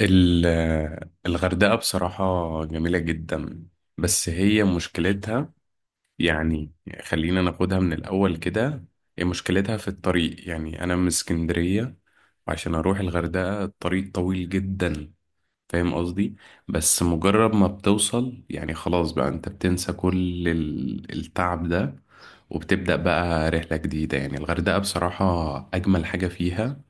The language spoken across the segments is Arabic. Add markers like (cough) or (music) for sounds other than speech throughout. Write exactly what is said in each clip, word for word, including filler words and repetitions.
ال- الغردقة بصراحة جميلة جدا، بس هي مشكلتها، يعني خلينا ناخدها من الأول كده. هي مشكلتها في الطريق، يعني أنا من اسكندرية، وعشان أروح الغردقة الطريق طويل جدا، فاهم قصدي؟ بس مجرد ما بتوصل يعني خلاص بقى أنت بتنسى كل ال- التعب ده، وبتبدأ بقى رحلة جديدة. يعني الغردقة بصراحة أجمل حاجة فيها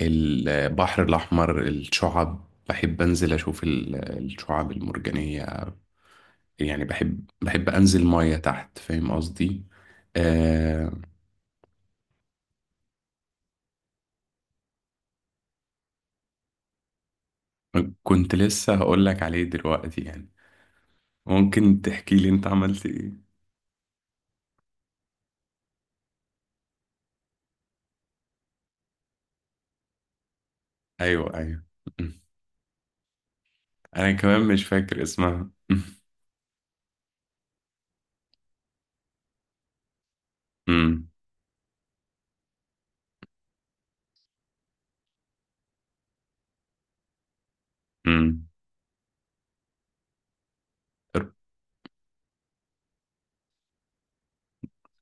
البحر الأحمر، الشعب بحب أنزل أشوف ال- الشعاب المرجانية. يعني بحب بحب أنزل مية تحت، فاهم قصدي؟ آه، كنت لسه هقول لك عليه دلوقتي يعني. ممكن تحكي لي أنت عملت إيه؟ أيوه، أيوه. (laughs) م. أنا كمان مش فاكر اسمها. (laughs) م. م.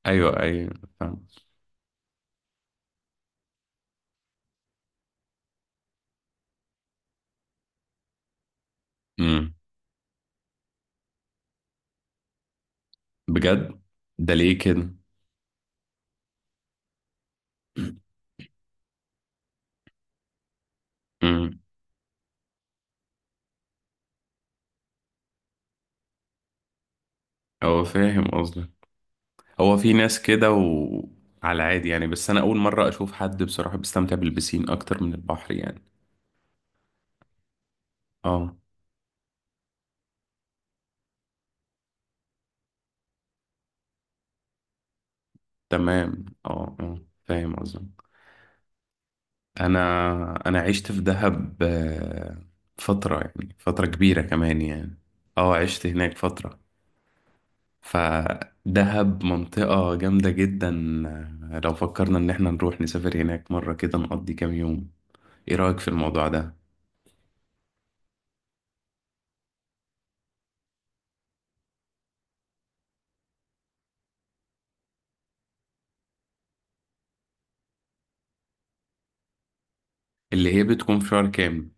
أيوه، أيوه، فاهم. م. بجد؟ ده ليه كده؟ (clears throat) م. هو فاهم قصدك. هو في ناس كده وعلى عادي يعني، بس انا اول مرة اشوف حد بصراحة بيستمتع بالبسين اكتر من البحر يعني. اه، تمام، اه، اه، فاهم قصدك. انا انا عشت في دهب، آه، فترة، يعني فترة كبيرة كمان يعني. اه، عشت هناك فترة. فدهب منطقة جامدة جدا. آه، لو فكرنا ان احنا نروح نسافر هناك مرة كده نقضي كام يوم، ايه رأيك في الموضوع ده؟ اللي هي بتكون في شهر كام؟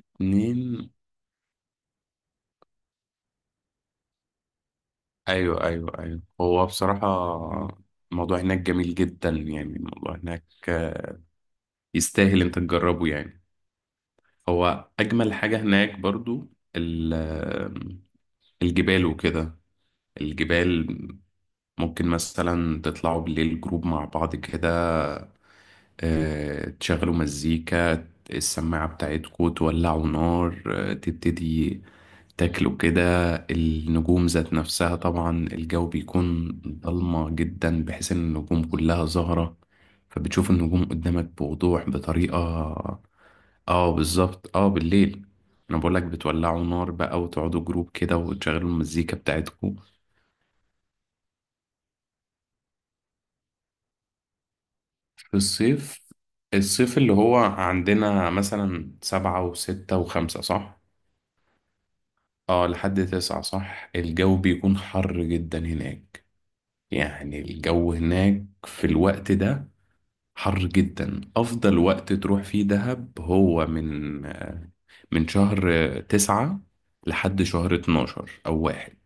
اتنين. ايوه، ايوه، ايوه، هو بصراحة الموضوع هناك جميل جدا، يعني الموضوع هناك آه، يستاهل انت تجربه يعني. هو اجمل حاجة هناك برضو ال- آه، الجبال وكده. الجبال ممكن مثلا تطلعوا بالليل جروب مع بعض كده، آه، تشغلوا مزيكا السماعة بتاعتكوا، تولعوا نار، آه، تبتدي تاكله كده، النجوم ذات نفسها. طبعا الجو بيكون ضلمة جدا بحيث ان النجوم كلها ظاهرة، فبتشوف النجوم قدامك بوضوح بطريقة. اه بالظبط، اه بالليل. انا بقولك بتولعوا نار بقى وتقعدوا جروب كده وتشغلوا المزيكا بتاعتكم. في الصيف، الصيف اللي هو عندنا مثلا سبعة وستة وخمسة، صح؟ اه لحد تسعة صح. الجو بيكون حر جدا هناك، يعني الجو هناك في الوقت ده حر جدا. أفضل وقت تروح فيه دهب هو من من شهر تسعة لحد شهر اتناشر أو واحد.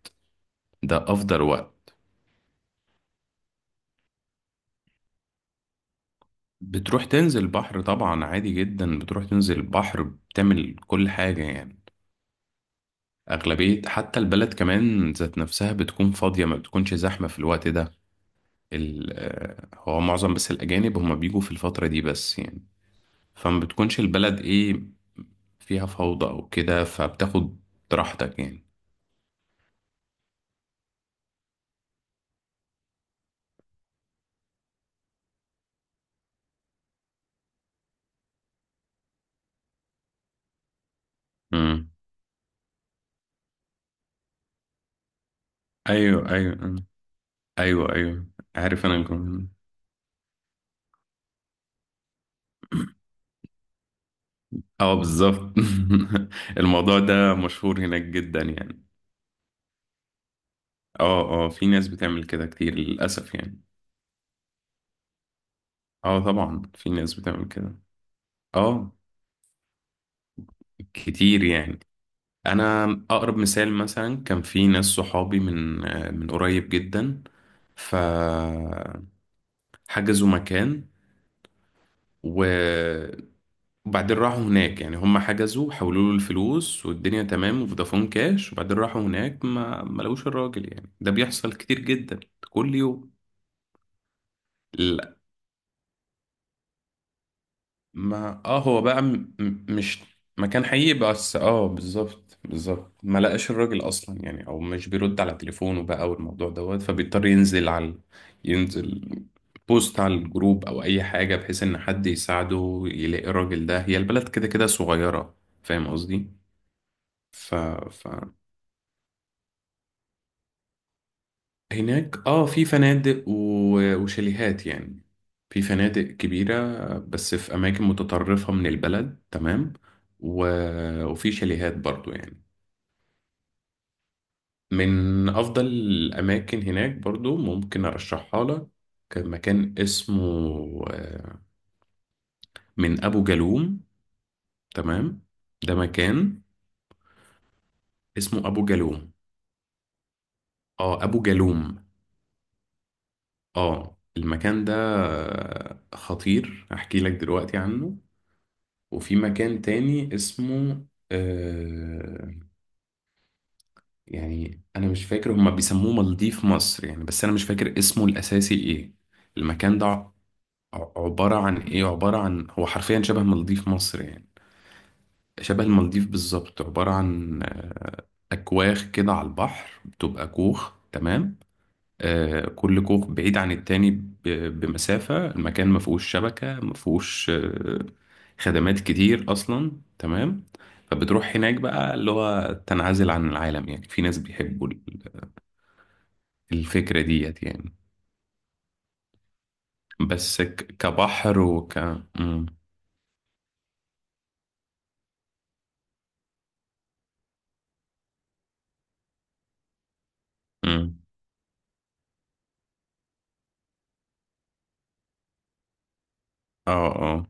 ده أفضل وقت. بتروح تنزل بحر طبعا عادي جدا، بتروح تنزل البحر بتعمل كل حاجة يعني. أغلبية حتى البلد كمان ذات نفسها بتكون فاضية، ما بتكونش زحمة في الوقت ده. ال- آه، هو معظم بس الأجانب هما بيجوا في الفترة دي بس يعني، فما بتكونش البلد إيه فيها فوضى أو كده، فبتاخد راحتك يعني. مم. ايوه، ايوه. مم. ايوه، ايوه، عارف انا كم... اه بالظبط. (laughs) الموضوع ده مشهور هناك جدا يعني. اه، اه، في ناس بتعمل كده كتير للاسف يعني. اه طبعا في ناس بتعمل كده. اه كتير يعني. انا اقرب مثال مثلا كان في ناس صحابي، من آه، من قريب جدا، فحجزوا مكان و وبعدين راحوا هناك، يعني هم حجزوا حولوا له الفلوس والدنيا تمام، وفودافون كاش، وبعدين راحوا هناك ما ما لقوش الراجل. يعني ده بيحصل كتير جدا، كل يوم. لا، ما اه هو بقى م... م- مش مكان حقيقي، بس اه بالظبط بالظبط ما لقاش الراجل اصلا يعني، او مش بيرد على تليفونه بقى والموضوع دوت. فبيضطر ينزل على ينزل بوست على الجروب او اي حاجه، بحيث ان حد يساعده يلاقي الراجل ده. هي البلد كده كده صغيره، فاهم قصدي؟ ف... ف هناك اه في فنادق و- وشاليهات يعني. في فنادق كبيرة بس في أماكن متطرفة من البلد، تمام، و... وفي شاليهات برضو يعني. من أفضل الأماكن هناك برضو ممكن أرشحها لك، مكان اسمه آه، من أبو جالوم، تمام. ده مكان اسمه أبو جالوم، اه أبو جالوم، اه المكان ده آه، خطير، أحكي لك دلوقتي عنه. وفي مكان تاني اسمه آه يعني أنا مش فاكر، هما بيسموه مالديف مصر يعني، بس أنا مش فاكر اسمه الأساسي إيه. المكان ده ع- عبارة عن إيه، عبارة عن هو حرفيا شبه مالديف مصر يعني، شبه المالديف بالظبط. عبارة عن آه، أكواخ كده على البحر، بتبقى كوخ، تمام. آه، كل كوخ بعيد عن التاني ب- بمسافة. المكان ما فيهوش شبكة، ما فيهوش آه، خدمات كتير أصلا، تمام. فبتروح هناك بقى اللي هو تنعزل عن العالم. يعني في ناس بيحبوا ال- الفكرة ديت يعني. بس ك- كبحر وك مم. مم. اه، اه،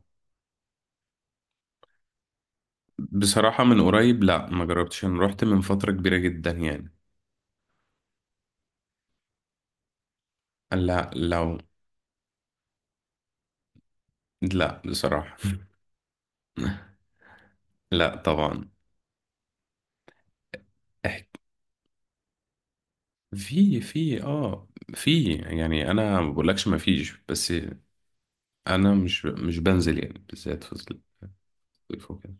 بصراحة من قريب لا، ما جربتش. انا رحت من فترة كبيرة جدا يعني. لا لو لا بصراحة. (laughs) لا طبعا. في في اه في يعني انا ما بقولكش ما فيش، بس انا مش مش بنزل يعني بالذات في الصيف وكده.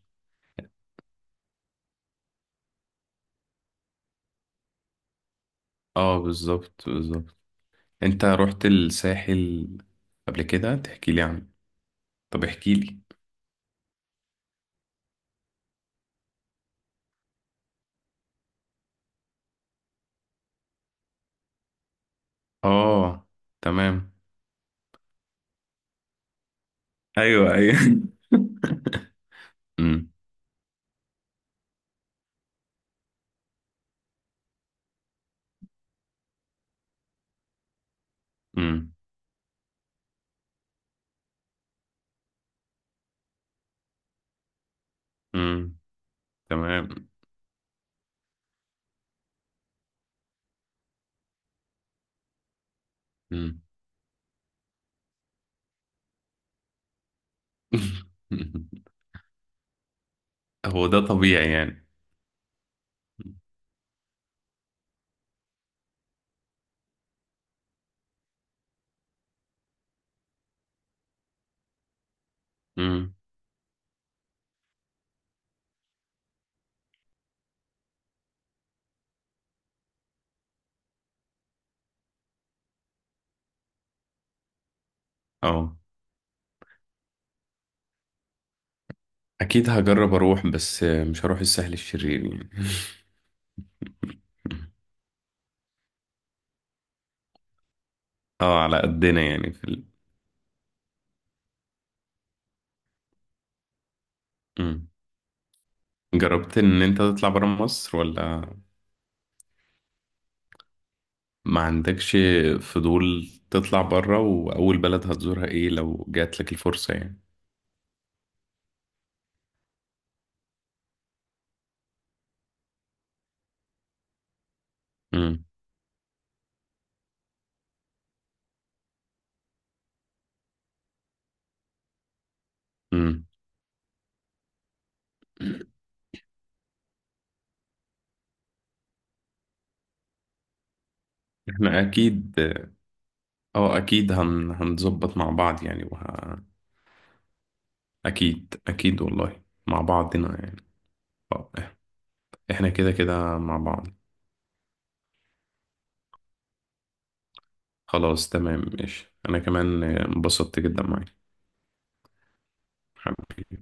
اه بالظبط بالظبط، انت رحت الساحل قبل كده؟ تحكي لي عنه، طب احكي لي. اه، تمام، ايوه، ايوه. (laughs) امم، امم، امم، تمام، امم. (laughs) هو ده طبيعي يعني. امم، اه اكيد هجرب اروح، بس مش هروح الساحل الشرير يعني. (laughs) اه على قدنا يعني في ال... مم. جربت ان انت تطلع برا مصر ولا؟ ما عندكش فضول تطلع برا؟ واول بلد هتزورها ايه لو جات لك الفرصة يعني؟ مم. مم. احنا اكيد، اه اكيد هن... هنظبط مع بعض يعني وه... اكيد، اكيد، والله مع بعضنا يعني. آه، احنا كده كده مع بعض. خلاص، تمام، ماشي، انا كمان انبسطت جدا معاك، حبيبي.